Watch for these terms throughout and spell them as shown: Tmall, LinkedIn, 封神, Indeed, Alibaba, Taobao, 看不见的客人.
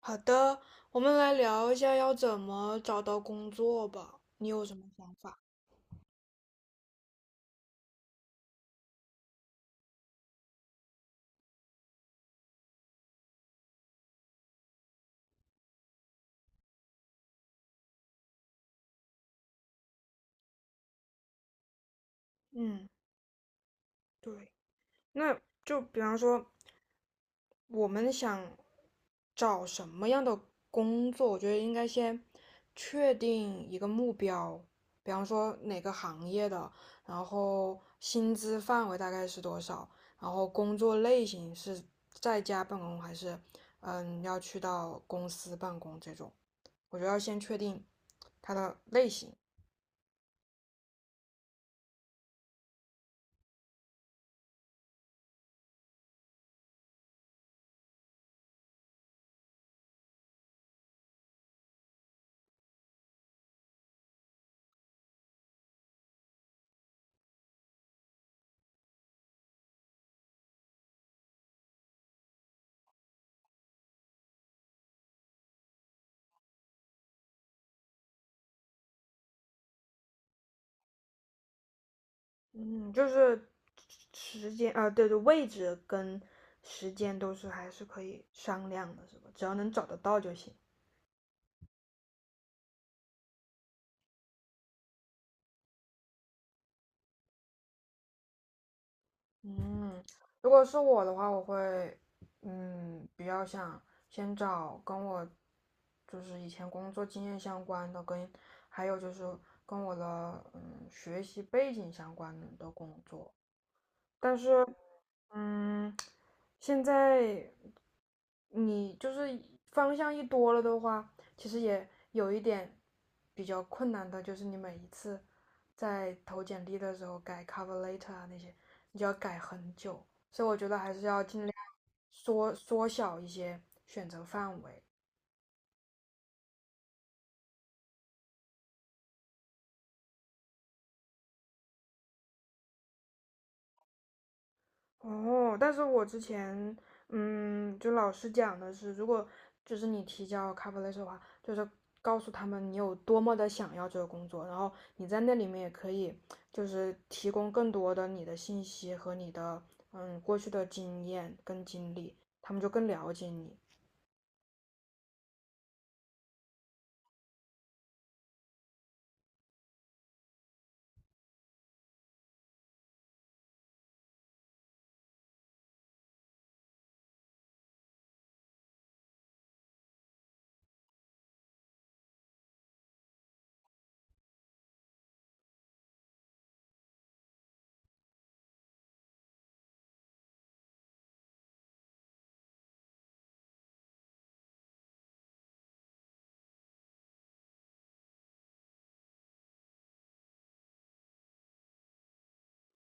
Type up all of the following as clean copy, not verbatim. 好的，我们来聊一下要怎么找到工作吧。你有什么想法？嗯，对。那就比方说，我们想找什么样的工作，我觉得应该先确定一个目标，比方说哪个行业的，然后薪资范围大概是多少，然后工作类型是在家办公还是要去到公司办公这种，我觉得要先确定它的类型。嗯，就是时间啊，对对，位置跟时间都是还是可以商量的，是吧？只要能找得到就行。嗯，如果是我的话，我会，比较想先找跟我就是以前工作经验相关的，跟还有就是跟我的学习背景相关的工作。但是嗯，现在你就是方向一多了的话，其实也有一点比较困难的，就是你每一次在投简历的时候改 cover letter 啊那些，你就要改很久，所以我觉得还是要尽量缩小一些选择范围。哦，但是我之前，就老师讲的是，如果就是你提交 cover letter 的话，就是告诉他们你有多么的想要这个工作，然后你在那里面也可以就是提供更多的你的信息和你的过去的经验跟经历，他们就更了解你。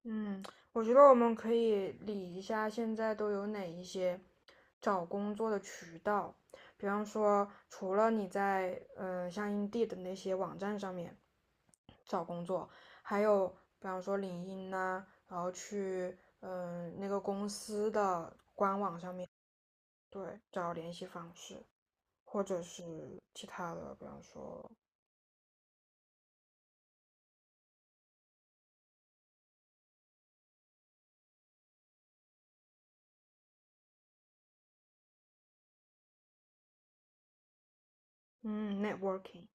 嗯，我觉得我们可以理一下现在都有哪一些找工作的渠道，比方说除了你在像 Indeed 的那些网站上面找工作，还有比方说领英呐、然后去那个公司的官网上面对找联系方式，或者是其他的，比方说嗯 networking。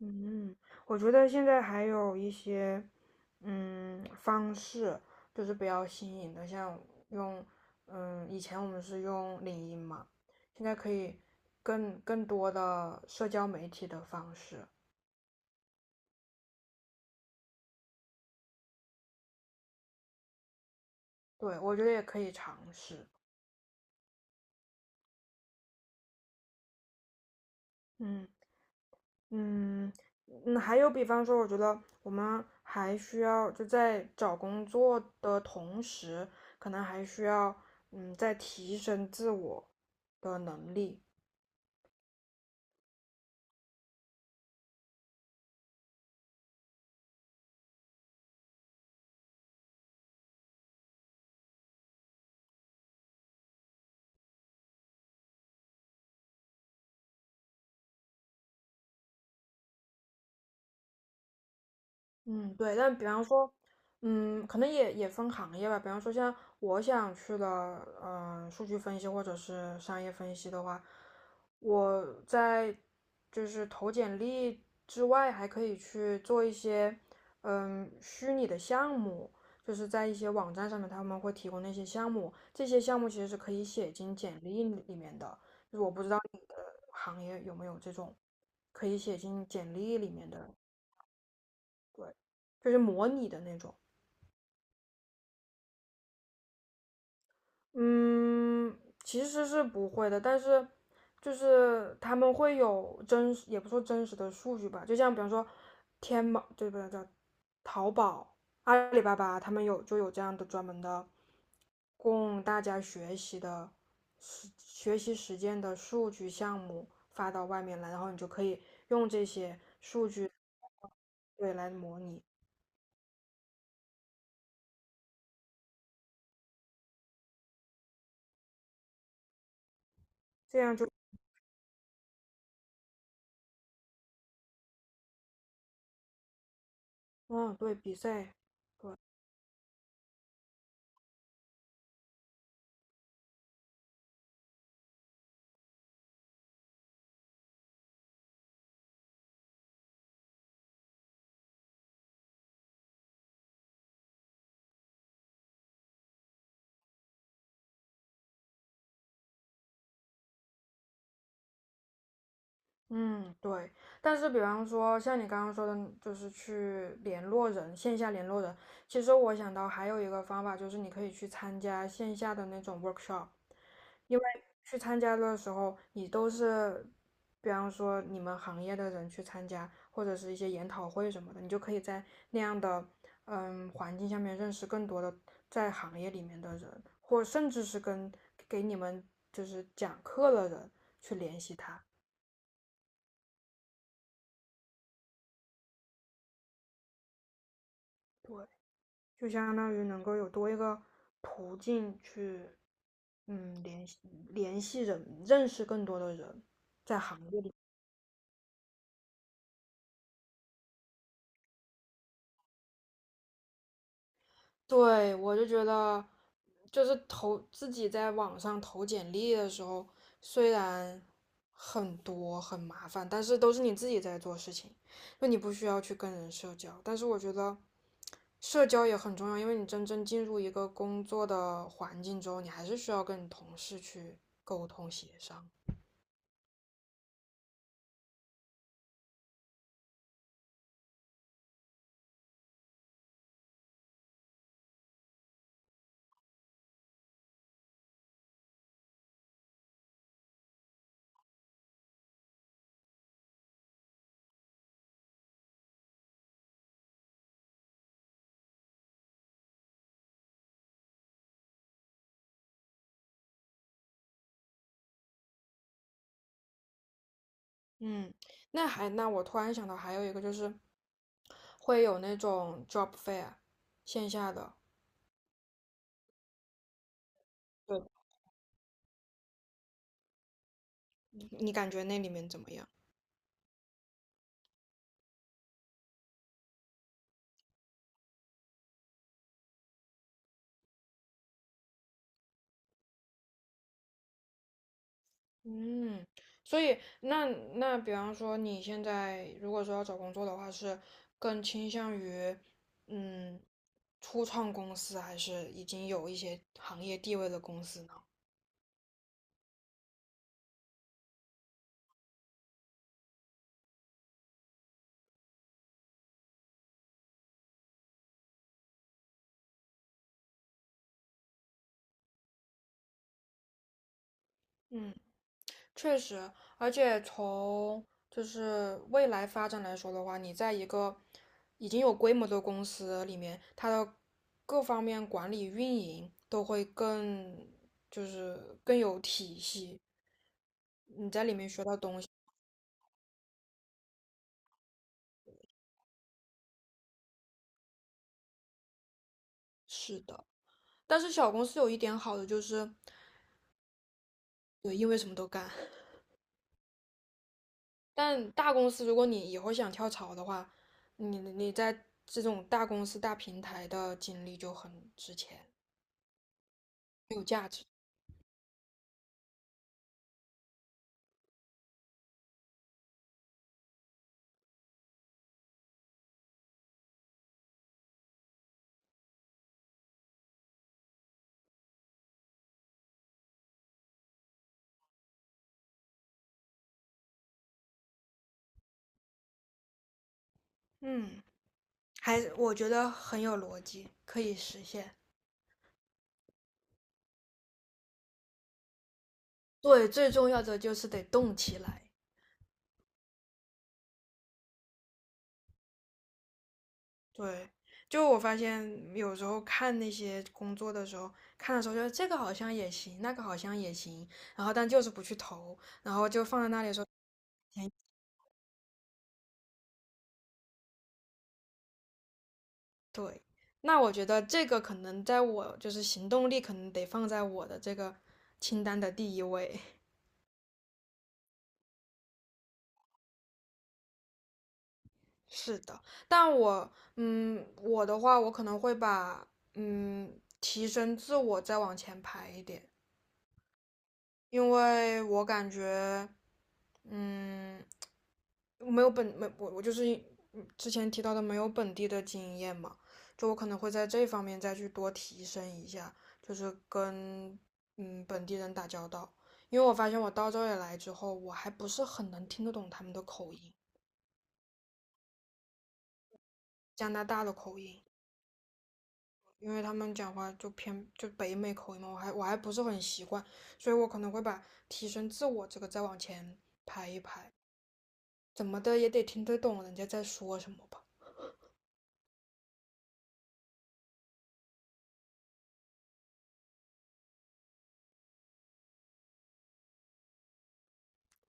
嗯，我觉得现在还有一些，方式就是比较新颖的，像用，以前我们是用领英嘛，现在可以更多的社交媒体的方式，对，我觉得也可以尝试。嗯嗯还有比方说，我觉得我们还需要就在找工作的同时，可能还需要在提升自我的能力。嗯，对，但比方说，可能也分行业吧。比方说，像我想去的，数据分析或者是商业分析的话，我在就是投简历之外，还可以去做一些，虚拟的项目，就是在一些网站上面他们会提供那些项目，这些项目其实是可以写进简历里面的。就是我不知道行业有没有这种可以写进简历里面的，就是模拟的那种。嗯，其实是不会的，但是就是他们会有真实，也不说真实的数据吧，就像比方说天猫，对不对？叫淘宝、阿里巴巴，他们就有这样的专门的供大家学习的实学习实践的数据项目发到外面来，然后你就可以用这些对来模拟，这样就嗯对比赛，对。嗯，对。但是，比方说像你刚刚说的，就是去联络人，线下联络人。其实我想到还有一个方法，就是你可以去参加线下的那种 workshop，因为去参加的时候，你都是，比方说你们行业的人去参加，或者是一些研讨会什么的，你就可以在那样的环境下面认识更多的在行业里面的人，或甚至是跟给你们就是讲课的人去联系他。对。就相当于能够有多一个途径去，嗯，联系联系人，认识更多的人，在行业里。对，我就觉得，就是投自己在网上投简历的时候，虽然很多很麻烦，但是都是你自己在做事情，就你不需要去跟人社交。但是我觉得社交也很重要，因为你真正进入一个工作的环境之后，你还是需要跟你同事去沟通协商。嗯，那我突然想到还有一个就是会有那种 job fair 线下的，对，你感觉那里面怎么样？嗯，所以那比方说你现在如果说要找工作的话，是更倾向于嗯初创公司，还是已经有一些行业地位的公司呢？嗯。确实，而且从就是未来发展来说的话，你在一个已经有规模的公司里面，它的各方面管理运营都会更就是更有体系，你在里面学到东西。是的，但是小公司有一点好的就是，对，因为什么都干。但大公司，如果你以后想跳槽的话，你在这种大公司、大平台的经历就很值钱，很有价值。嗯。我觉得很有逻辑，可以实现。对，最重要的就是得动起来。对，就我发现有时候看那些工作的时候，看的时候觉得这个好像也行，那个好像也行，然后但就是不去投，然后就放在那里说，哎对。那我觉得这个可能在我就是行动力可能得放在我的这个清单的第一位。是的，但我，我的话，我可能会把，提升自我再往前排一点，因为我感觉，嗯，没有本，没，我就是之前提到的没有本地的经验嘛，就我可能会在这方面再去多提升一下，就是跟，本地人打交道，因为我发现我到这里来之后，我还不是很能听得懂他们的口音，加拿大的口音。因为他们讲话就偏就北美口音嘛，我还不是很习惯，所以我可能会把提升自我这个再往前排一排，怎么的也得听得懂人家在说什么吧。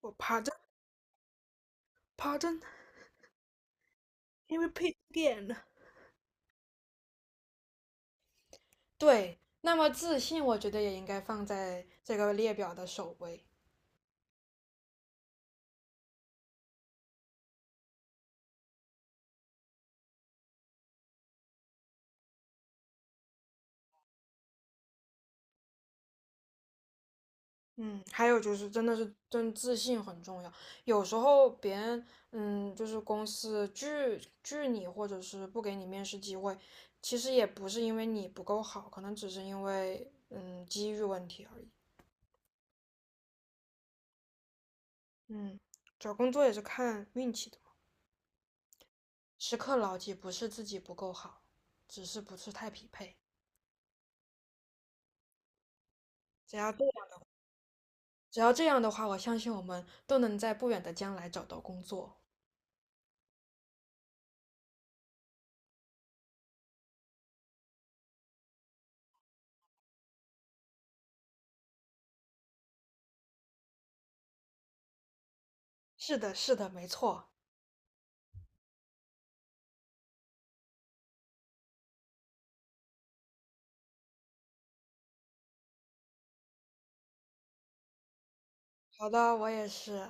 我 pardon， PAR。 对，那么自信我觉得也应该放在这个列表的首位。嗯，还有就是，真的是真自信很重要。有时候别人，就是公司拒你，或者是不给你面试机会，其实也不是因为你不够好，可能只是因为，机遇问题而已。嗯，找工作也是看运气的嘛。时刻牢记，不是自己不够好，只是不是太匹配。只要这样，只要这样的话，我相信我们都能在不远的将来找到工作。是的，是的，没错。好的，我也是。